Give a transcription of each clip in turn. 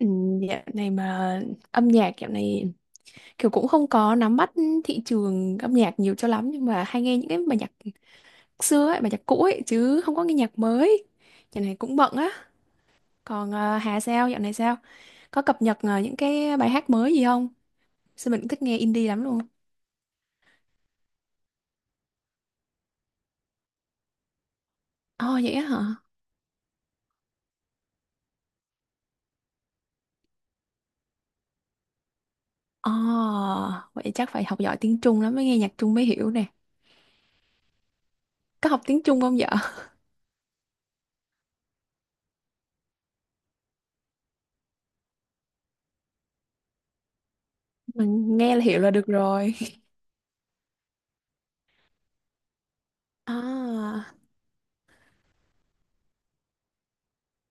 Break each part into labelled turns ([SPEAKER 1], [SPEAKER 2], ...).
[SPEAKER 1] Ừ, Dạo này mà âm nhạc dạo này kiểu cũng không có nắm bắt thị trường âm nhạc nhiều cho lắm nhưng mà hay nghe những cái bài nhạc xưa ấy, bài nhạc cũ ấy chứ không có nghe nhạc mới. Dạo này cũng bận á. Còn Hà sao dạo này sao? Có cập nhật những cái bài hát mới gì không? Sao mình cũng thích nghe indie lắm luôn. Ồ vậy á hả? Ồ vậy chắc phải học giỏi tiếng Trung lắm mới nghe nhạc Trung mới hiểu nè. Có học tiếng Trung không vợ? Mình nghe là hiểu là được rồi. À,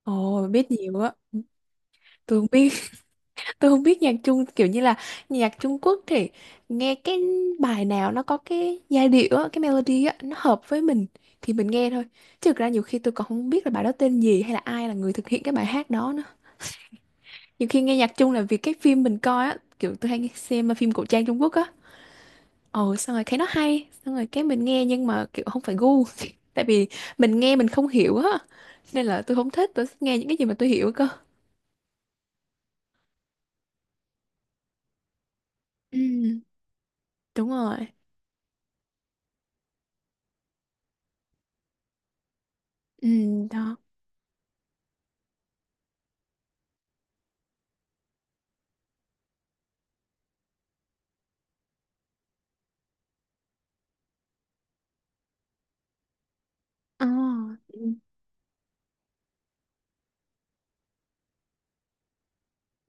[SPEAKER 1] ồ biết nhiều á. Tôi không biết Tôi không biết nhạc Trung kiểu như là nhạc Trung Quốc thì nghe cái bài nào nó có cái giai điệu á, cái melody á, nó hợp với mình thì mình nghe thôi. Chứ thực ra nhiều khi tôi còn không biết là bài đó tên gì hay là ai là người thực hiện cái bài hát đó nữa. Nhiều khi nghe nhạc Trung là vì cái phim mình coi á, kiểu tôi hay xem phim cổ trang Trung Quốc á. Ồ xong rồi thấy nó hay, xong rồi cái mình nghe nhưng mà kiểu không phải gu. Tại vì mình nghe mình không hiểu á. Nên là tôi không thích, tôi thích nghe những cái gì mà tôi hiểu cơ. Ừ, đúng rồi. Ừ, đó. Ờ.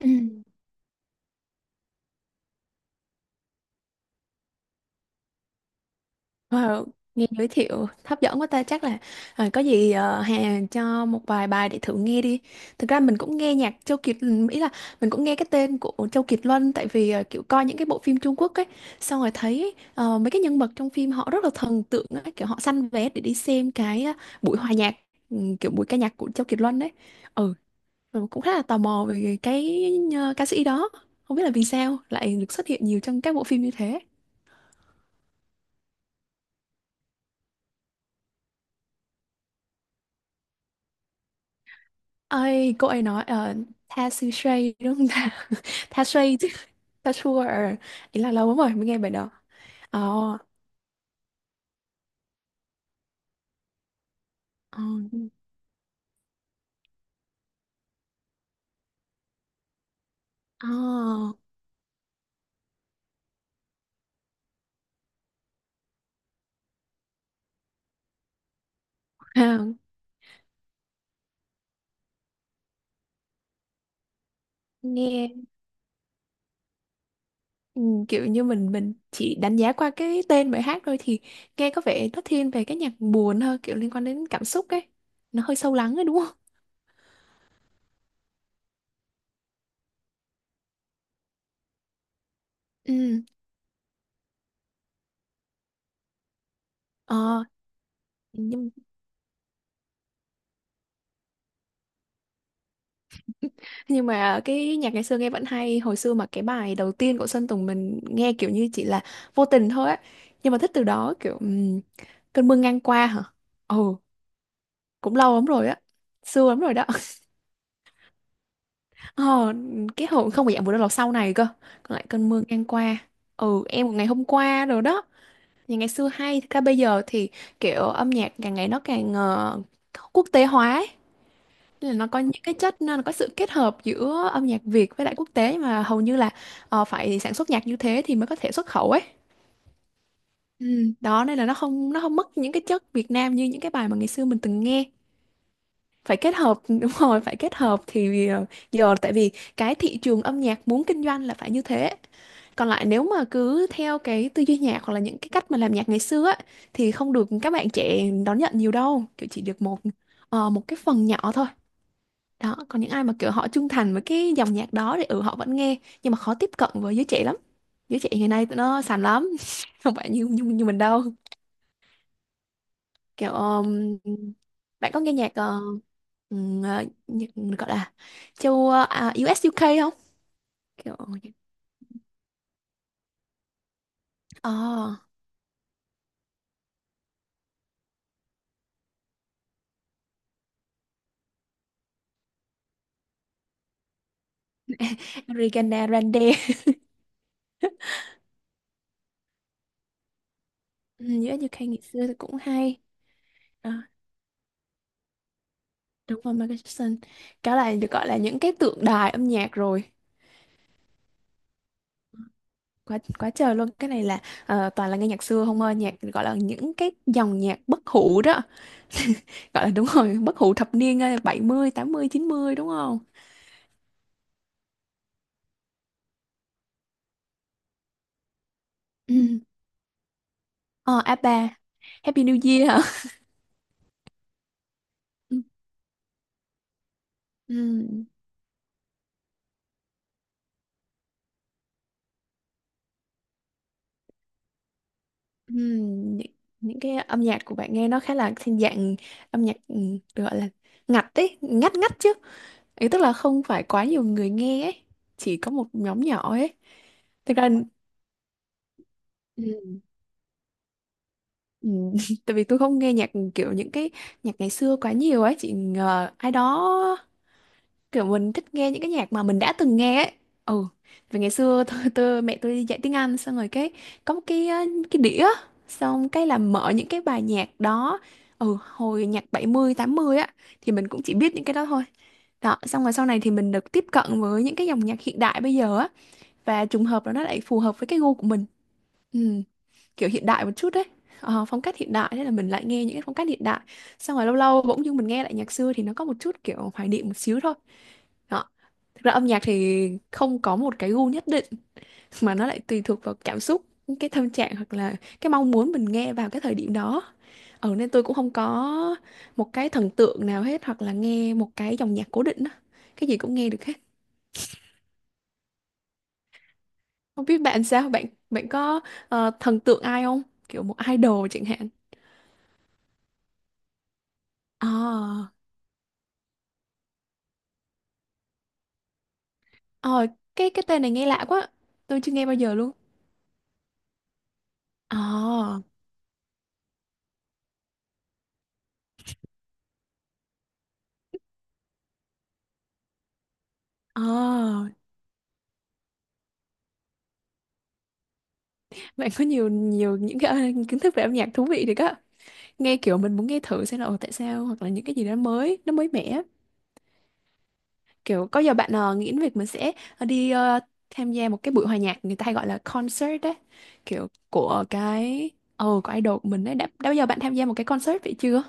[SPEAKER 1] Ừ. Wow, nghe giới thiệu hấp dẫn quá ta chắc là à, có gì Hà cho một vài bài để thử nghe đi. Thực ra mình cũng nghe nhạc Châu Kiệt ừ, ý là mình cũng nghe cái tên của Châu Kiệt Luân tại vì kiểu coi những cái bộ phim Trung Quốc ấy xong rồi thấy mấy cái nhân vật trong phim họ rất là thần tượng ấy, kiểu họ săn vé để đi xem cái buổi hòa nhạc ừ, kiểu buổi ca nhạc của Châu Kiệt Luân ấy. Ừ, rồi cũng khá là tò mò về cái ca sĩ đó. Không biết là vì sao lại được xuất hiện nhiều trong các bộ phim như thế. Ơi cô ấy nói tha sư shay đúng không ta tha shay chứ tha sure, ý là lâu lắm rồi mới nghe bài đó. Ờ. Ờ. Ờ. À, nghe ừ, kiểu như mình chỉ đánh giá qua cái tên bài hát thôi thì nghe có vẻ nó thiên về cái nhạc buồn hơn, kiểu liên quan đến cảm xúc ấy, nó hơi sâu lắng ấy đúng không. Ừ. Ờ, nhưng nhưng mà cái nhạc ngày xưa nghe vẫn hay. Hồi xưa mà cái bài đầu tiên của Sơn Tùng mình nghe kiểu như chỉ là vô tình thôi á, nhưng mà thích từ đó. Kiểu cơn mưa ngang qua hả. Ồ, cũng lâu lắm rồi á, xưa lắm rồi đó. Ờ, cái hồi không phải dạng vừa đâu là sau này cơ, còn lại cơn mưa ngang qua, ừ em một ngày hôm qua rồi đó. Nhà ngày xưa hay thật ra bây giờ thì kiểu âm nhạc càng ngày nó càng quốc tế hóa ấy. Nên là nó có những cái chất, nó có sự kết hợp giữa âm nhạc Việt với lại quốc tế mà hầu như là phải sản xuất nhạc như thế thì mới có thể xuất khẩu ấy. Ừ, đó nên là nó không mất những cái chất Việt Nam như những cái bài mà ngày xưa mình từng nghe. Phải kết hợp. Đúng rồi, phải kết hợp thì giờ tại vì cái thị trường âm nhạc muốn kinh doanh là phải như thế. Còn lại nếu mà cứ theo cái tư duy nhạc hoặc là những cái cách mà làm nhạc ngày xưa á, thì không được các bạn trẻ đón nhận nhiều đâu, kiểu chỉ được một một cái phần nhỏ thôi đó. Còn những ai mà kiểu họ trung thành với cái dòng nhạc đó thì ừ họ vẫn nghe nhưng mà khó tiếp cận với giới trẻ lắm. Giới trẻ ngày nay tụi nó sành lắm. Không phải như như, như mình đâu. Kiểu bạn có nghe nhạc nhạc gọi là châu u UK không, kiểu. Oh, Ariana Grande. Ừ, u UK ngày xưa thì cũng hay. Đó, đúng rồi Michael Jackson, cái là được gọi là những cái tượng đài âm nhạc rồi, quá quá trời luôn. Cái này là toàn là nghe nhạc xưa không ơi, nhạc gọi là những cái dòng nhạc bất hủ đó, gọi là đúng rồi bất hủ thập niên bảy mươi tám mươi, chín mươi đúng không. Ừ. Ờ a ba. Happy New Year hả. Ừ. Ừ. Ừ. Những, những cái âm nhạc của bạn nghe nó khá là thiên dạng, âm nhạc ừ, được gọi là ngặt ấy, ngắt ngắt chứ, ý tức là không phải quá nhiều người nghe ấy, chỉ có một nhóm nhỏ ấy. Thực ra ừ. Ừ, tại vì tôi không nghe nhạc kiểu những cái nhạc ngày xưa quá nhiều ấy chị ngờ ai đó, kiểu mình thích nghe những cái nhạc mà mình đã từng nghe ấy. Ừ, vì ngày xưa tôi mẹ tôi đi dạy tiếng Anh xong rồi cái có một cái cái đĩa, xong cái là mở những cái bài nhạc đó. Ừ, hồi nhạc bảy mươi tám mươi á thì mình cũng chỉ biết những cái đó thôi. Đó xong rồi sau này thì mình được tiếp cận với những cái dòng nhạc hiện đại bây giờ á, và trùng hợp là nó lại phù hợp với cái gu của mình. Ừ, kiểu hiện đại một chút đấy. Ờ, phong cách hiện đại, thế là mình lại nghe những cái phong cách hiện đại, xong rồi lâu lâu bỗng dưng mình nghe lại nhạc xưa thì nó có một chút kiểu hoài niệm một xíu thôi đó. Thực ra âm nhạc thì không có một cái gu nhất định mà nó lại tùy thuộc vào cảm xúc, cái tâm trạng hoặc là cái mong muốn mình nghe vào cái thời điểm đó. Ừ, nên tôi cũng không có một cái thần tượng nào hết hoặc là nghe một cái dòng nhạc cố định đó. Cái gì cũng nghe được hết. Không biết bạn sao, bạn bạn có thần tượng ai không, kiểu một idol chẳng hạn. À. Ờ, cái tên này nghe lạ quá. Tôi chưa nghe bao giờ luôn. Ờ, ờ. Bạn có nhiều nhiều những cái kiến thức về âm nhạc thú vị thì á. Nghe kiểu mình muốn nghe thử xem là ồ, tại sao hoặc là những cái gì đó mới, nó mới mẻ. Kiểu có giờ bạn nghĩ đến việc mình sẽ đi tham gia một cái buổi hòa nhạc người ta hay gọi là concert đấy. Kiểu của cái của idol của mình đấy. Đã bao giờ bạn tham gia một cái concert vậy chưa?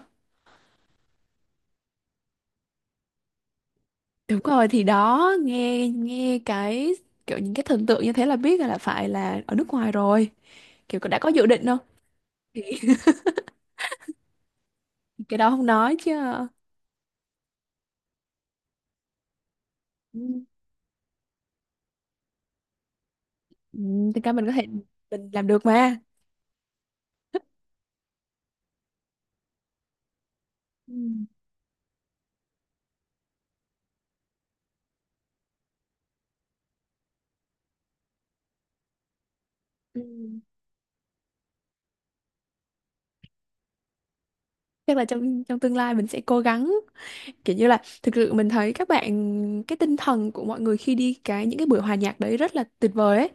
[SPEAKER 1] Đúng rồi thì đó, nghe nghe cái kiểu những cái thần tượng như thế là biết là phải là ở nước ngoài rồi. Kiểu đã có dự định không thì cái đó không nói chứ. Ừ, ừ, thực ra mình có thể mình làm được mà. Ừ. Ừ. Chắc là trong trong tương lai mình sẽ cố gắng, kiểu như là thực sự mình thấy các bạn, cái tinh thần của mọi người khi đi cái những cái buổi hòa nhạc đấy rất là tuyệt vời ấy,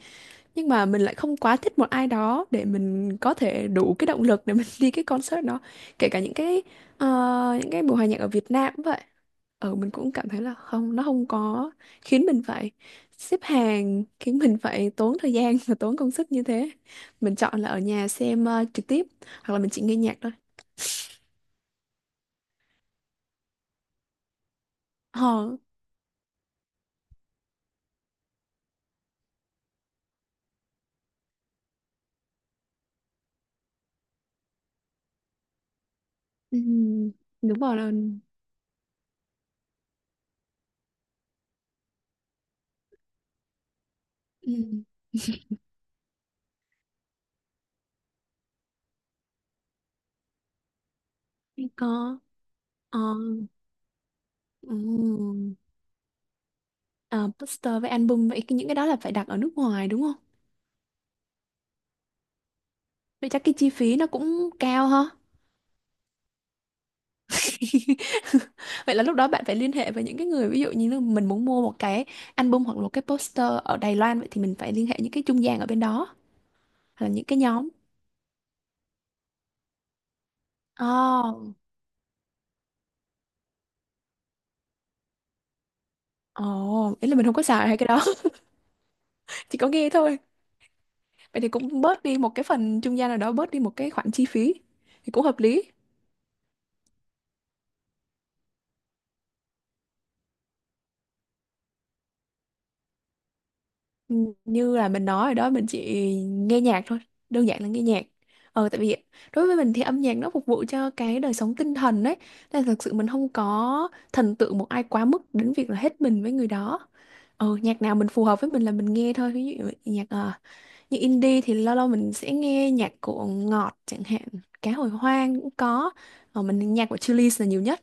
[SPEAKER 1] nhưng mà mình lại không quá thích một ai đó để mình có thể đủ cái động lực để mình đi cái concert đó, kể cả những cái ờ, những cái buổi hòa nhạc ở Việt Nam cũng vậy. Ừ mình cũng cảm thấy là không, nó không có khiến mình phải xếp hàng, khiến mình phải tốn thời gian và tốn công sức như thế. Mình chọn là ở nhà xem trực tiếp hoặc là mình chỉ nghe nhạc thôi. Ờ. Ừm, đúng rồi là- có. Ờ ừm, ờ, poster với album vậy cái- những cái đó là phải đặt ở nước ngoài đúng không? Vậy chắc cái chi phí nó cũng cao ha. Vậy là lúc đó bạn phải liên hệ với những cái người, ví dụ như là mình muốn mua một cái album hoặc là một cái poster ở Đài Loan, vậy thì mình phải liên hệ những cái trung gian ở bên đó hoặc là những cái nhóm. Ồ, ồ, ý là mình không có xài hay cái đó, chỉ có nghe thôi. Vậy thì cũng bớt đi một cái phần trung gian nào đó, bớt đi một cái khoản chi phí thì cũng hợp lý. Như là mình nói rồi đó, mình chỉ nghe nhạc thôi, đơn giản là nghe nhạc. Ờ tại vì đối với mình thì âm nhạc nó phục vụ cho cái đời sống tinh thần đấy, nên là thực sự mình không có thần tượng một ai quá mức đến việc là hết mình với người đó. Ờ nhạc nào mình phù hợp với mình là mình nghe thôi, ví dụ nhạc như indie thì lâu lâu mình sẽ nghe nhạc của Ngọt chẳng hạn, Cá Hồi Hoang cũng có, mình nhạc của Chillies là nhiều nhất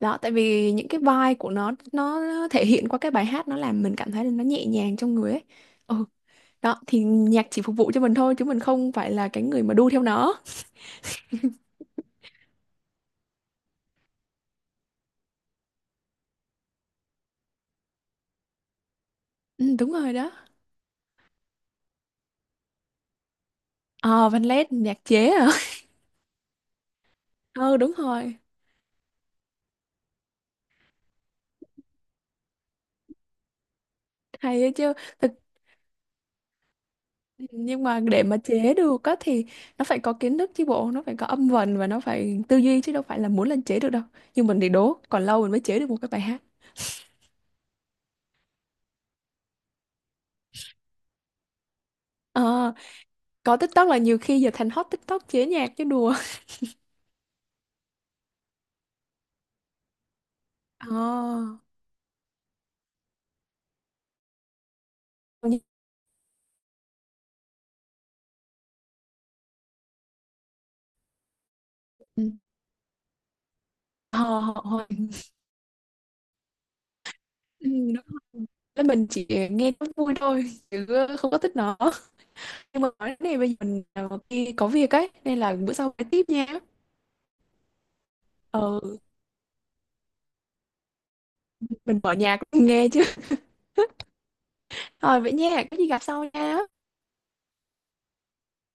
[SPEAKER 1] đó, tại vì những cái vibe của nó thể hiện qua cái bài hát nó làm mình cảm thấy là nó nhẹ nhàng trong người ấy. Ừ, đó, thì nhạc chỉ phục vụ cho mình thôi chứ mình không phải là cái người mà đu theo nó. Ừ, đúng rồi đó. Ờ, Văn Lét, nhạc chế à? Ừ, đúng rồi. Hay ấy chứ. Thực nhưng mà để mà chế được á thì nó phải có kiến thức chứ bộ, nó phải có âm vần và nó phải tư duy chứ đâu phải là muốn lên chế được đâu. Nhưng mình thì đố, còn lâu mình mới chế được một cái bài hát. Ờ, có TikTok là nhiều khi giờ thành hot TikTok chế nhạc chứ đùa. Ờ, nhưng- ừ, ờ, hồi- ừ, đúng rồi. Thế mình chỉ nghe nó vui thôi chứ không có thích nó, nhưng mà nói đến này bây giờ mình đi có việc ấy nên là bữa sau phải tiếp nha. Ờ mình mở nhạc nghe chứ. Rồi vậy nha, có gì gặp sau nha.